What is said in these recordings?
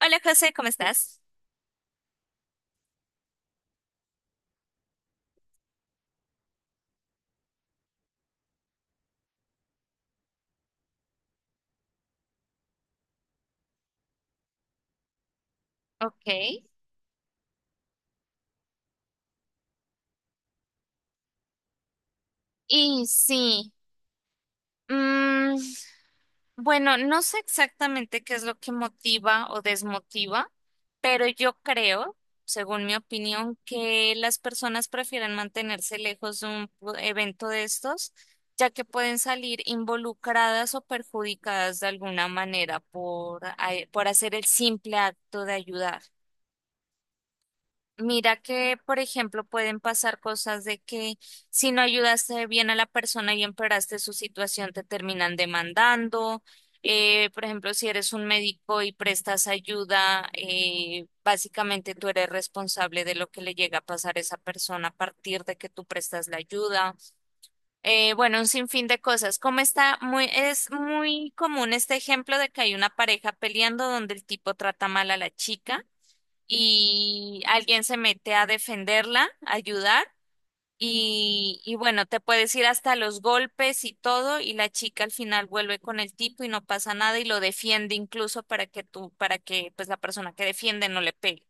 Hola José, ¿cómo estás? Ok, y sí, mm, bueno, no sé exactamente qué es lo que motiva o desmotiva, pero yo creo, según mi opinión, que las personas prefieren mantenerse lejos de un evento de estos, ya que pueden salir involucradas o perjudicadas de alguna manera por, por hacer el simple acto de ayudar. Mira que, por ejemplo, pueden pasar cosas de que si no ayudaste bien a la persona y empeoraste su situación, te terminan demandando. Por ejemplo, si eres un médico y prestas ayuda, básicamente tú eres responsable de lo que le llega a pasar a esa persona a partir de que tú prestas la ayuda. Bueno, un sinfín de cosas. Como es muy común este ejemplo de que hay una pareja peleando donde el tipo trata mal a la chica y alguien se mete a defenderla, a ayudar, y bueno, te puedes ir hasta los golpes y todo, y la chica al final vuelve con el tipo y no pasa nada y lo defiende incluso para que tú, para que pues la persona que defiende no le pegue.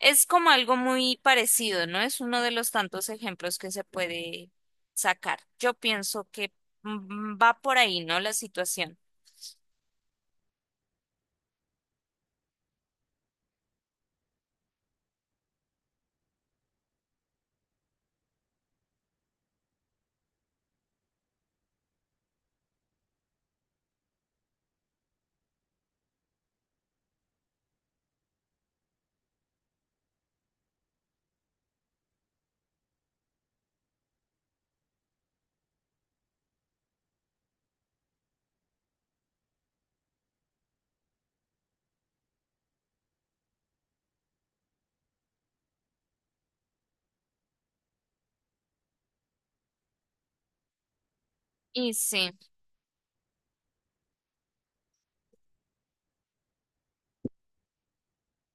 Es como algo muy parecido, ¿no? Es uno de los tantos ejemplos que se puede sacar. Yo pienso que va por ahí, ¿no? La situación. Y sí,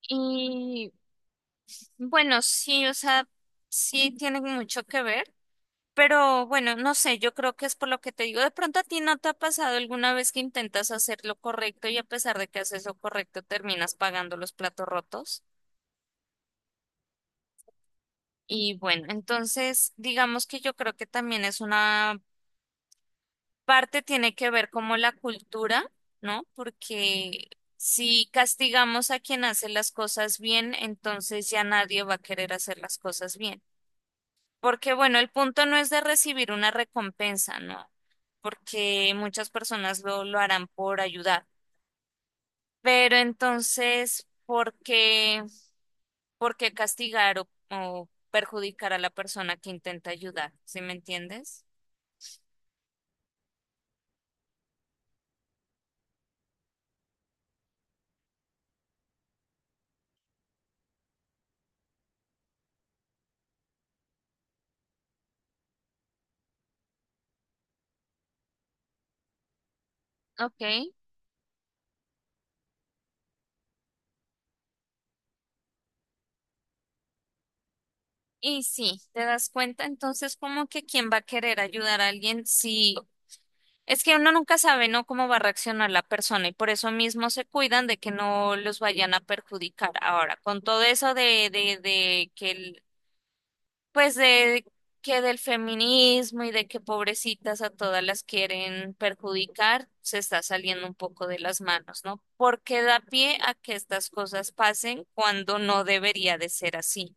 y bueno, sí, o sea, sí tiene mucho que ver. Pero bueno, no sé, yo creo que es por lo que te digo. De pronto a ti no te ha pasado alguna vez que intentas hacer lo correcto y a pesar de que haces lo correcto terminas pagando los platos rotos. Y bueno, entonces digamos que yo creo que también es una parte tiene que ver como la cultura, ¿no? Porque si castigamos a quien hace las cosas bien, entonces ya nadie va a querer hacer las cosas bien. Porque bueno, el punto no es de recibir una recompensa, ¿no? Porque muchas personas lo harán por ayudar. Pero entonces, ¿por qué castigar o perjudicar a la persona que intenta ayudar? ¿Sí me entiendes? Ok. Y sí, te das cuenta entonces como que quién va a querer ayudar a alguien si. Es que uno nunca sabe, ¿no? Cómo va a reaccionar la persona y por eso mismo se cuidan de que no los vayan a perjudicar. Ahora, con todo eso de que pues de que del feminismo y de que pobrecitas a todas las quieren perjudicar, se está saliendo un poco de las manos, ¿no? Porque da pie a que estas cosas pasen cuando no debería de ser así.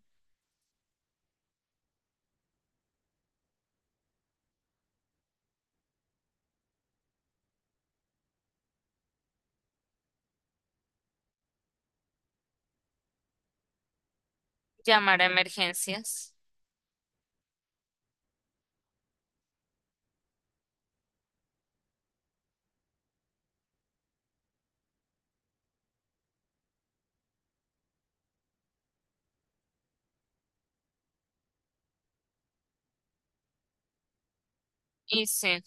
Llamar a emergencias. Y sí.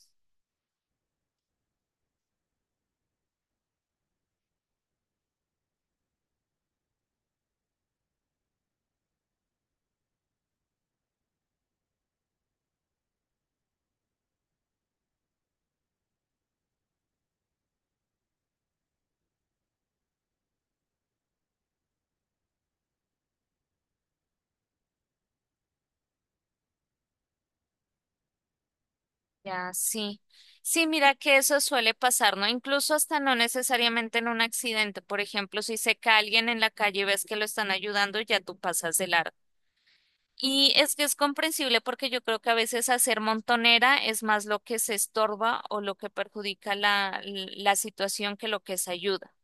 Ya, sí. Sí, mira que eso suele pasar, ¿no? Incluso hasta no necesariamente en un accidente. Por ejemplo, si se cae alguien en la calle y ves que lo están ayudando, ya tú pasas de largo. Y es que es comprensible porque yo creo que a veces hacer montonera es más lo que se estorba o lo que perjudica la situación que lo que se ayuda.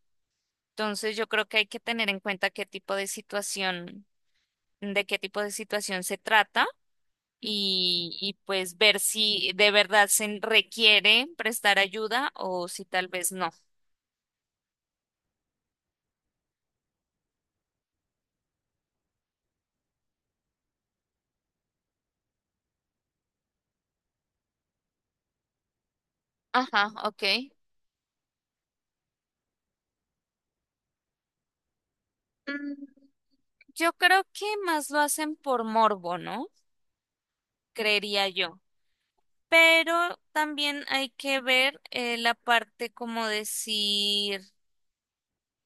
Entonces, yo creo que hay que tener en cuenta qué tipo de situación, de qué tipo de situación se trata y pues ver si de verdad se requiere prestar ayuda o si tal vez no. Ajá, ok. Mm, Yo creo que más lo hacen por morbo, ¿no? Creería yo. Pero también hay que ver la parte, como decir,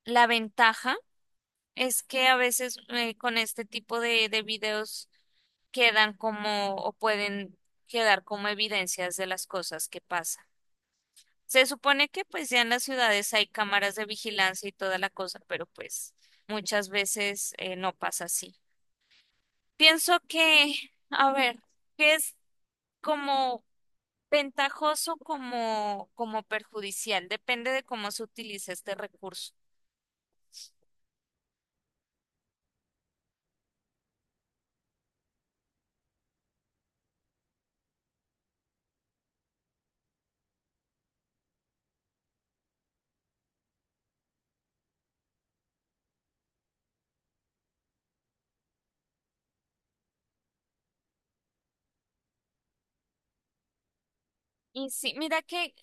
la ventaja es que a veces con este tipo de videos quedan como o pueden quedar como evidencias de las cosas que pasan. Se supone que pues ya en las ciudades hay cámaras de vigilancia y toda la cosa, pero pues muchas veces no pasa así. Pienso que, a ver, que es como ventajoso como perjudicial, depende de cómo se utiliza este recurso. Y sí, mira que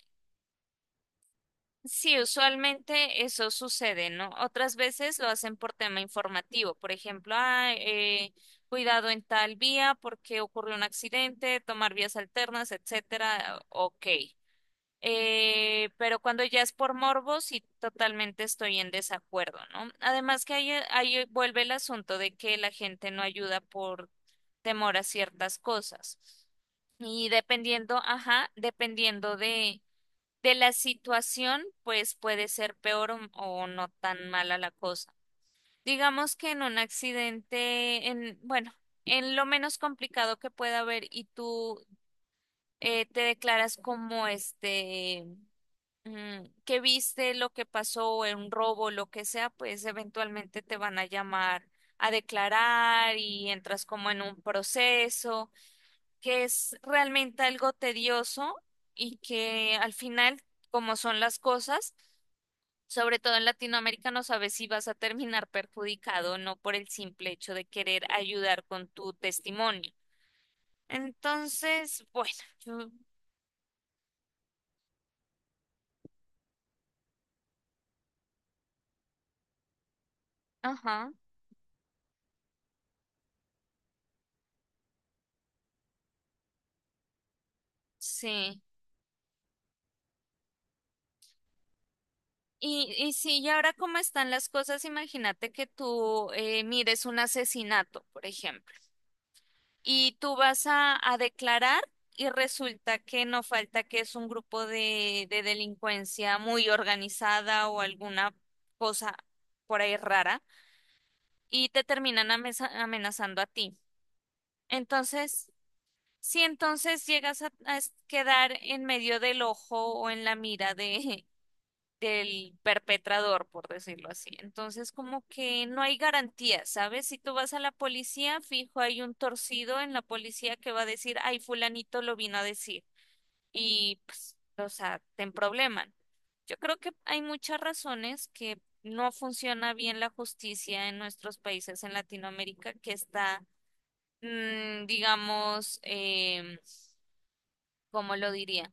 sí, usualmente eso sucede, ¿no? Otras veces lo hacen por tema informativo, por ejemplo, "Ah, cuidado en tal vía porque ocurrió un accidente, tomar vías alternas, etcétera". Ok. Pero cuando ya es por morbo, sí, totalmente estoy en desacuerdo, ¿no? Además que ahí vuelve el asunto de que la gente no ayuda por temor a ciertas cosas. Y dependiendo, ajá, dependiendo de la situación, pues puede ser peor o no tan mala la cosa. Digamos que en un accidente, en, bueno, en lo menos complicado que pueda haber y tú te declaras como que viste lo que pasó en un robo, lo que sea, pues eventualmente te van a llamar a declarar y entras como en un proceso que es realmente algo tedioso y que al final, como son las cosas, sobre todo en Latinoamérica no sabes si vas a terminar perjudicado o no por el simple hecho de querer ayudar con tu testimonio. Entonces, bueno, yo, ajá, sí. Y sí, y ahora cómo están las cosas, imagínate que tú mires un asesinato, por ejemplo, y tú vas a declarar y resulta que no falta que es un grupo de delincuencia muy organizada o alguna cosa por ahí rara y te terminan amenazando a ti. Entonces, si entonces llegas a quedar en medio del ojo o en la mira del perpetrador, por decirlo así, entonces como que no hay garantía, ¿sabes? Si tú vas a la policía, fijo, hay un torcido en la policía que va a decir, ay, fulanito lo vino a decir. Y pues, o sea, te probleman. Yo creo que hay muchas razones que no funciona bien la justicia en nuestros países en Latinoamérica, que está digamos, ¿cómo lo diría?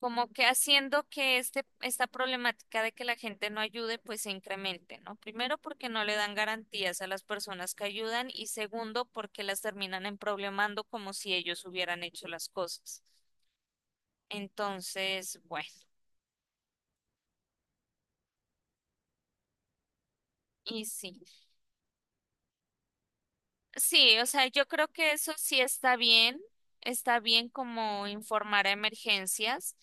Como que haciendo que esta problemática de que la gente no ayude, pues se incremente, ¿no? Primero, porque no le dan garantías a las personas que ayudan y segundo, porque las terminan emproblemando como si ellos hubieran hecho las cosas. Entonces, bueno, y sí. Sí, o sea, yo creo que eso sí está bien como informar a emergencias,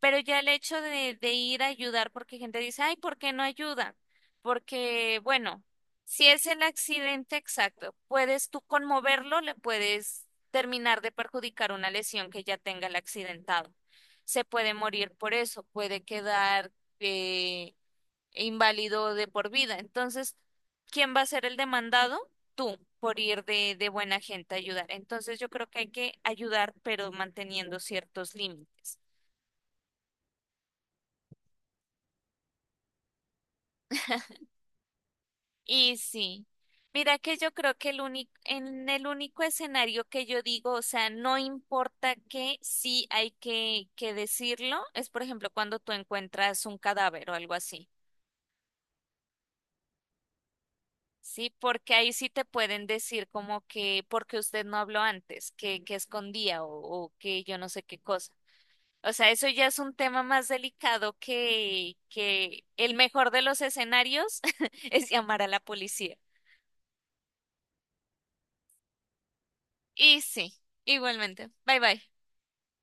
pero ya el hecho de ir a ayudar, porque gente dice, ay, ¿por qué no ayuda? Porque, bueno, si es el accidente exacto, puedes tú conmoverlo, le puedes terminar de perjudicar una lesión que ya tenga el accidentado. Se puede morir por eso, puede quedar eh, e inválido de por vida. Entonces, ¿quién va a ser el demandado? Tú, por ir de buena gente a ayudar. Entonces, yo creo que hay que ayudar, pero manteniendo ciertos límites. Y sí, mira que yo creo que en el único escenario que yo digo, o sea, no importa que sí hay que decirlo, es por ejemplo cuando tú encuentras un cadáver o algo así. Sí, porque ahí sí te pueden decir como que porque usted no habló antes, que escondía o que yo no sé qué cosa. O sea, eso ya es un tema más delicado que el mejor de los escenarios es llamar a la policía. Y sí, igualmente. Bye bye.